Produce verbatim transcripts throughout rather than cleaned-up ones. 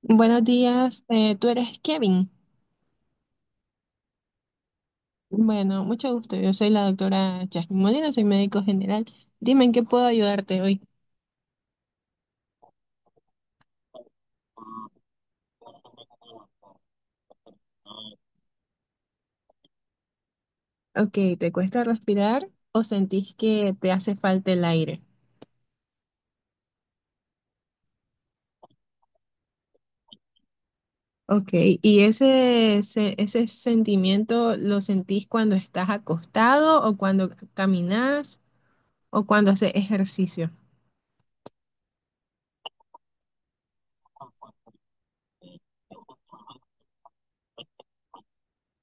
Buenos días, eh, tú eres Kevin. Bueno, mucho gusto. Yo soy la doctora Jasmine Molina, soy médico general. Dime en qué puedo ayudarte hoy. Ok, ¿te cuesta respirar o sentís que te hace falta el aire? Ok, ¿y ese, se- ese sentimiento lo sentís cuando estás acostado o cuando caminas o cuando haces ejercicio?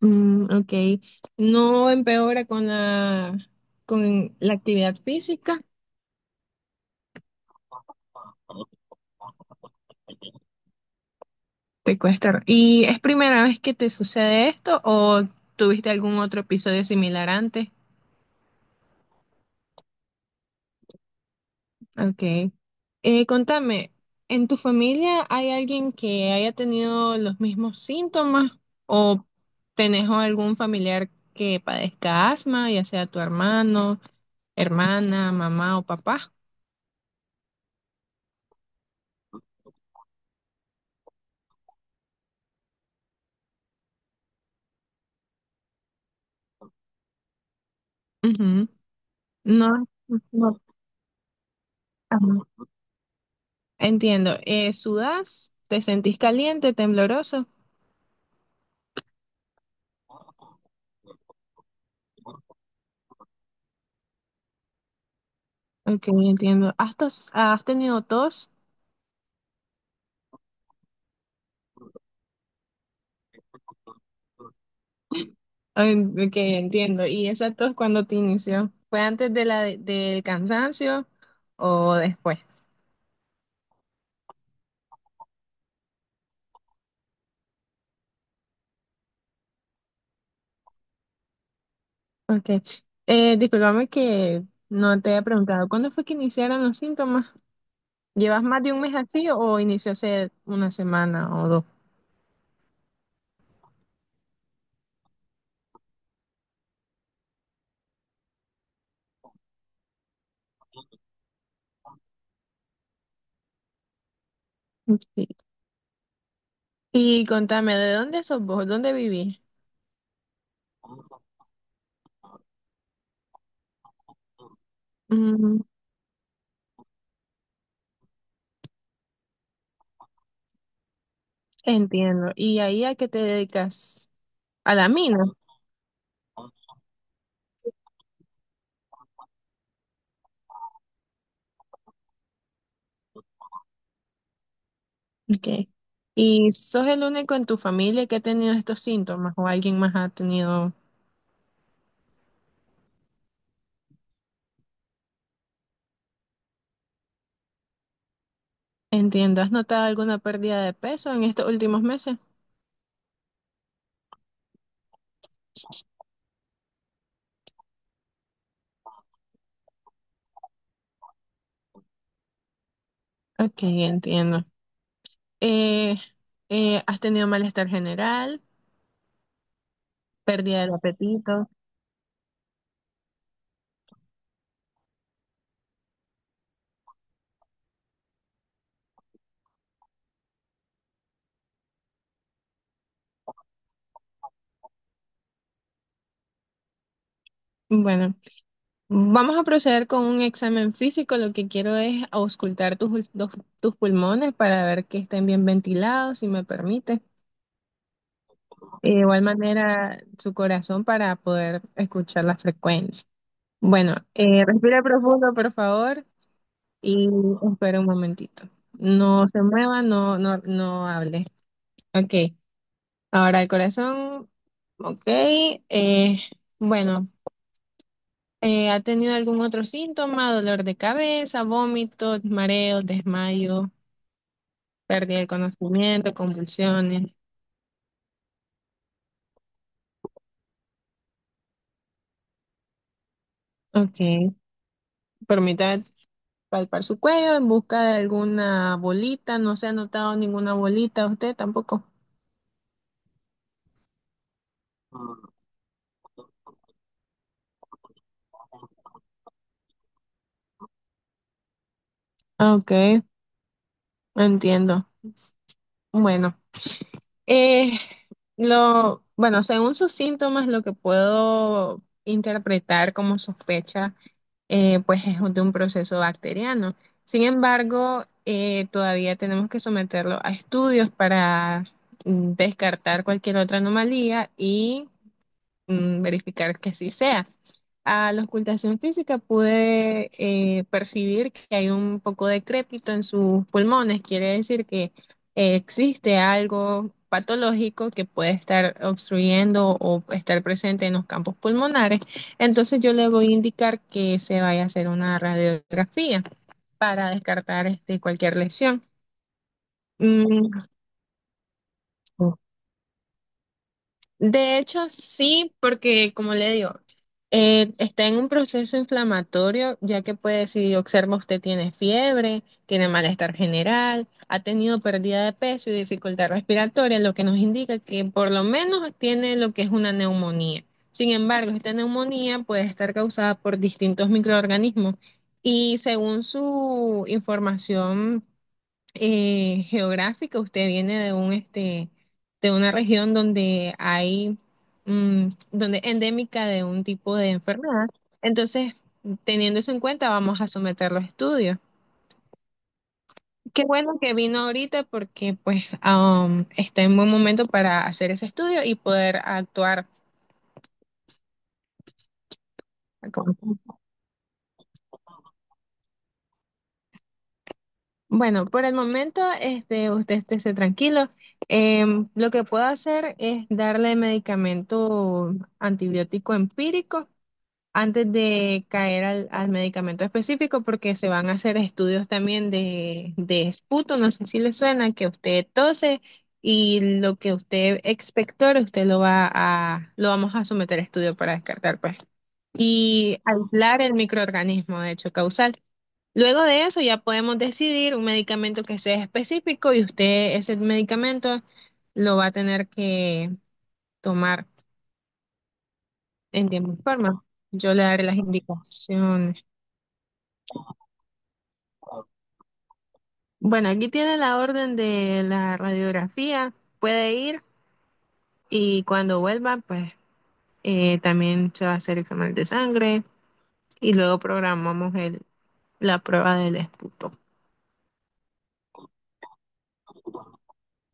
Mm, ok, ¿no empeora con la, con la actividad física? Te cuesta. ¿Y es primera vez que te sucede esto o tuviste algún otro episodio similar antes? Ok. Eh, contame, ¿en tu familia hay alguien que haya tenido los mismos síntomas o tenés algún familiar que padezca asma, ya sea tu hermano, hermana, mamá o papá? Ujú. No, no, ajá. Entiendo. Eh, ¿sudás? ¿Te sentís caliente, tembloroso? Ok, entiendo. ¿Has, tos- ¿has tenido tos? En- Ok, entiendo. ¿Y esa tos cuándo te inició? ¿Fue antes de la de- del cansancio o después? Ok. Eh, discúlpame que no te había preguntado, ¿cuándo fue que iniciaron los síntomas? ¿Llevas más de un mes así o inició hace una semana o dos? Sí. Y contame, ¿de dónde sos vos? ¿Dónde vivís? Mm, entiendo. ¿Y ahí a qué te dedicas? ¿A la mina? Ok. ¿Y sos el único en tu familia que ha tenido estos síntomas o alguien más ha tenido? Entiendo. ¿Has notado alguna pérdida de peso en estos últimos meses? Ok, entiendo. Eh, eh, ¿Has tenido malestar general, pérdida del apetito? Bueno, vamos a proceder con un examen físico. Lo que quiero es auscultar tus, ul- dos- tus pulmones para ver que estén bien ventilados, si me permite. De igual manera, su corazón para poder escuchar la frecuencia. Bueno, eh, respira profundo, por favor. Y espera un momentito. No se mueva, no, no, no hable. Ok, ahora el corazón. Ok, eh, bueno, eh, ¿ha tenido algún otro síntoma? Dolor de cabeza, vómitos, mareos, desmayo, pérdida de conocimiento, convulsiones. Ok, permítame palpar su cuello en busca de alguna bolita. No se ha notado ninguna bolita, usted tampoco. Ok, entiendo. Bueno. Eh, lo, bueno, según sus síntomas, lo que puedo interpretar como sospecha, eh, pues es de un proceso bacteriano. Sin embargo, eh, todavía tenemos que someterlo a estudios para mm, descartar cualquier otra anomalía y mm, verificar que así sea. A la ocultación física pude eh, percibir que hay un poco de crépito en sus pulmones, quiere decir que eh, existe algo patológico que puede estar obstruyendo o estar presente en los campos pulmonares. Entonces yo le voy a indicar que se vaya a hacer una radiografía para descartar este, cualquier lesión. Mm, de hecho, sí, porque como le digo, eh, está en un proceso inflamatorio, ya que puede, si observa usted tiene fiebre, tiene malestar general, ha tenido pérdida de peso y dificultad respiratoria, lo que nos indica que por lo menos tiene lo que es una neumonía. Sin embargo, esta neumonía puede estar causada por distintos microorganismos y según su información eh, geográfica, usted viene de un este de una región donde hay mm, donde endémica de un tipo de enfermedad. Entonces, teniendo eso en cuenta, vamos a someter los estudios. Qué bueno que vino ahorita porque pues am, está en buen momento para hacer ese estudio y poder actuar. Bueno, por el momento, este, usted esté tranquilo. Em, lo que puedo hacer es darle medicamento antibiótico empírico antes de caer al, al medicamento específico, porque se van a hacer estudios también de, de esputo, no sé si le suena, que usted tose y lo que usted expectora, usted lo va a, lo vamos a someter a estudio para descartar, pues, y aislar el microorganismo de hecho causal. Luego de eso ya podemos decidir un medicamento que sea específico y usted ese medicamento lo va a tener que tomar en tiempo y forma. Yo le daré las indicaciones. Bueno, aquí tiene la orden de la radiografía, puede ir y cuando vuelva, pues eh, también se va a hacer examen de sangre y luego programamos el, la prueba del esputo.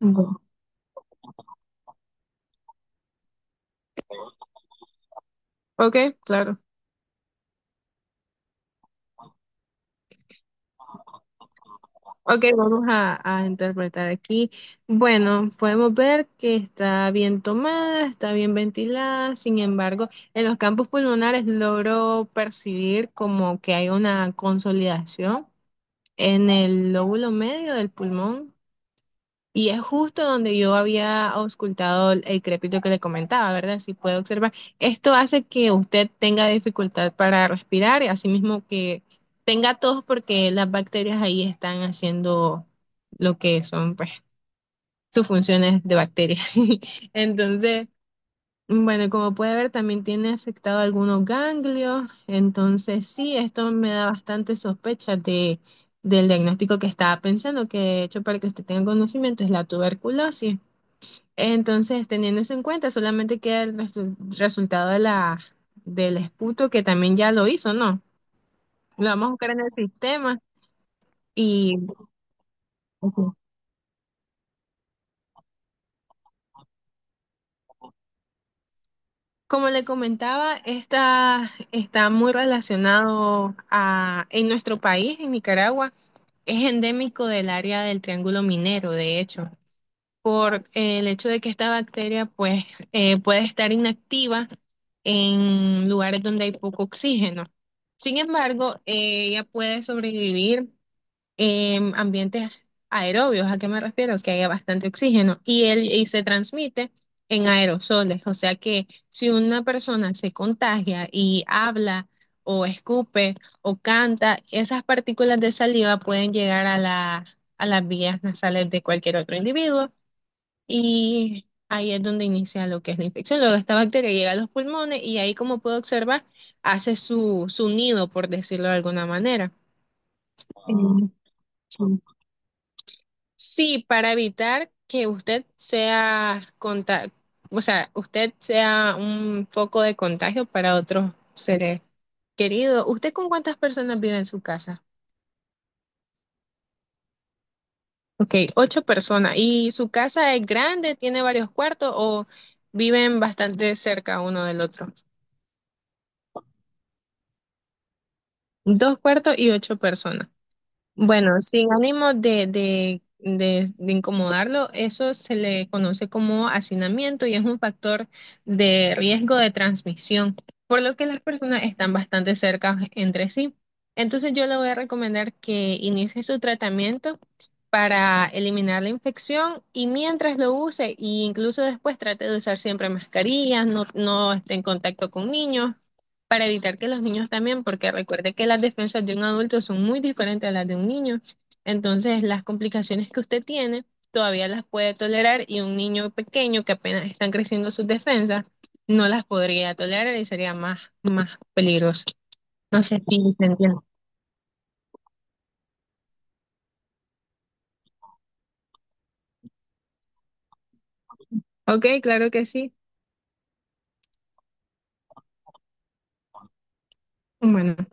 Ujú. Ok, claro. Ok, vamos a, a interpretar aquí. Bueno, podemos ver que está bien tomada, está bien ventilada, sin embargo, en los campos pulmonares logro percibir como que hay una consolidación en el lóbulo medio del pulmón. Y es justo donde yo había auscultado el el crepito que le comentaba, ¿verdad? Si puede observar, esto hace que usted tenga dificultad para respirar y asimismo que tenga tos porque las bacterias ahí están haciendo lo que son, pues, sus funciones de bacterias. Entonces, bueno, como puede ver, también tiene afectado algunos ganglios. Entonces, sí, esto me da bastante sospecha de, del diagnóstico que estaba pensando, que de hecho, para que usted tenga conocimiento, es la tuberculosis. Entonces, teniendo eso en cuenta, solamente queda el resu- resultado de la, del esputo que también ya lo hizo, ¿no? Lo vamos a buscar en el sistema y ujú, como le comentaba, esta está muy relacionado a, en nuestro país, en Nicaragua, es endémico del área del Triángulo Minero, de hecho. Por eh, el hecho de que esta bacteria pues eh, puede estar inactiva en lugares donde hay poco oxígeno. Sin embargo, eh, ella puede sobrevivir en ambientes aerobios. ¿A qué me refiero? Que haya bastante oxígeno y, él, y se transmite en aerosoles. O sea que si una persona se contagia y habla o escupe o canta, esas partículas de saliva pueden llegar a la- a las vías nasales de cualquier otro individuo y ahí es donde inicia lo que es la infección. Luego esta bacteria llega a los pulmones y ahí, como puedo observar, hace su, su nido, por decirlo de alguna manera. Mm, sí. Sí, para evitar que usted sea conta- o sea, usted sea un foco de contagio para otros seres queridos. ¿Usted con cuántas personas vive en su casa? Ok, ocho personas. ¿Y su casa es grande, tiene varios cuartos o viven bastante cerca uno del otro? Dos cuartos y ocho personas. Bueno, sin ánimo de, de, de, de incomodarlo, eso se le conoce como hacinamiento y es un factor de riesgo de transmisión, por lo que las personas están bastante cerca entre sí. Entonces yo le voy a recomendar que inicie su tratamiento para eliminar la infección y mientras lo use, e incluso después trate de usar siempre mascarillas, no, no esté en contacto con niños para evitar que los niños también, porque recuerde que las defensas de un adulto son muy diferentes a las de un niño, entonces las complicaciones que usted tiene todavía las puede tolerar y un niño pequeño que apenas están creciendo sus defensas no las podría tolerar y sería más, más peligroso. No sé si se entiende. Ok, claro que sí. Bueno.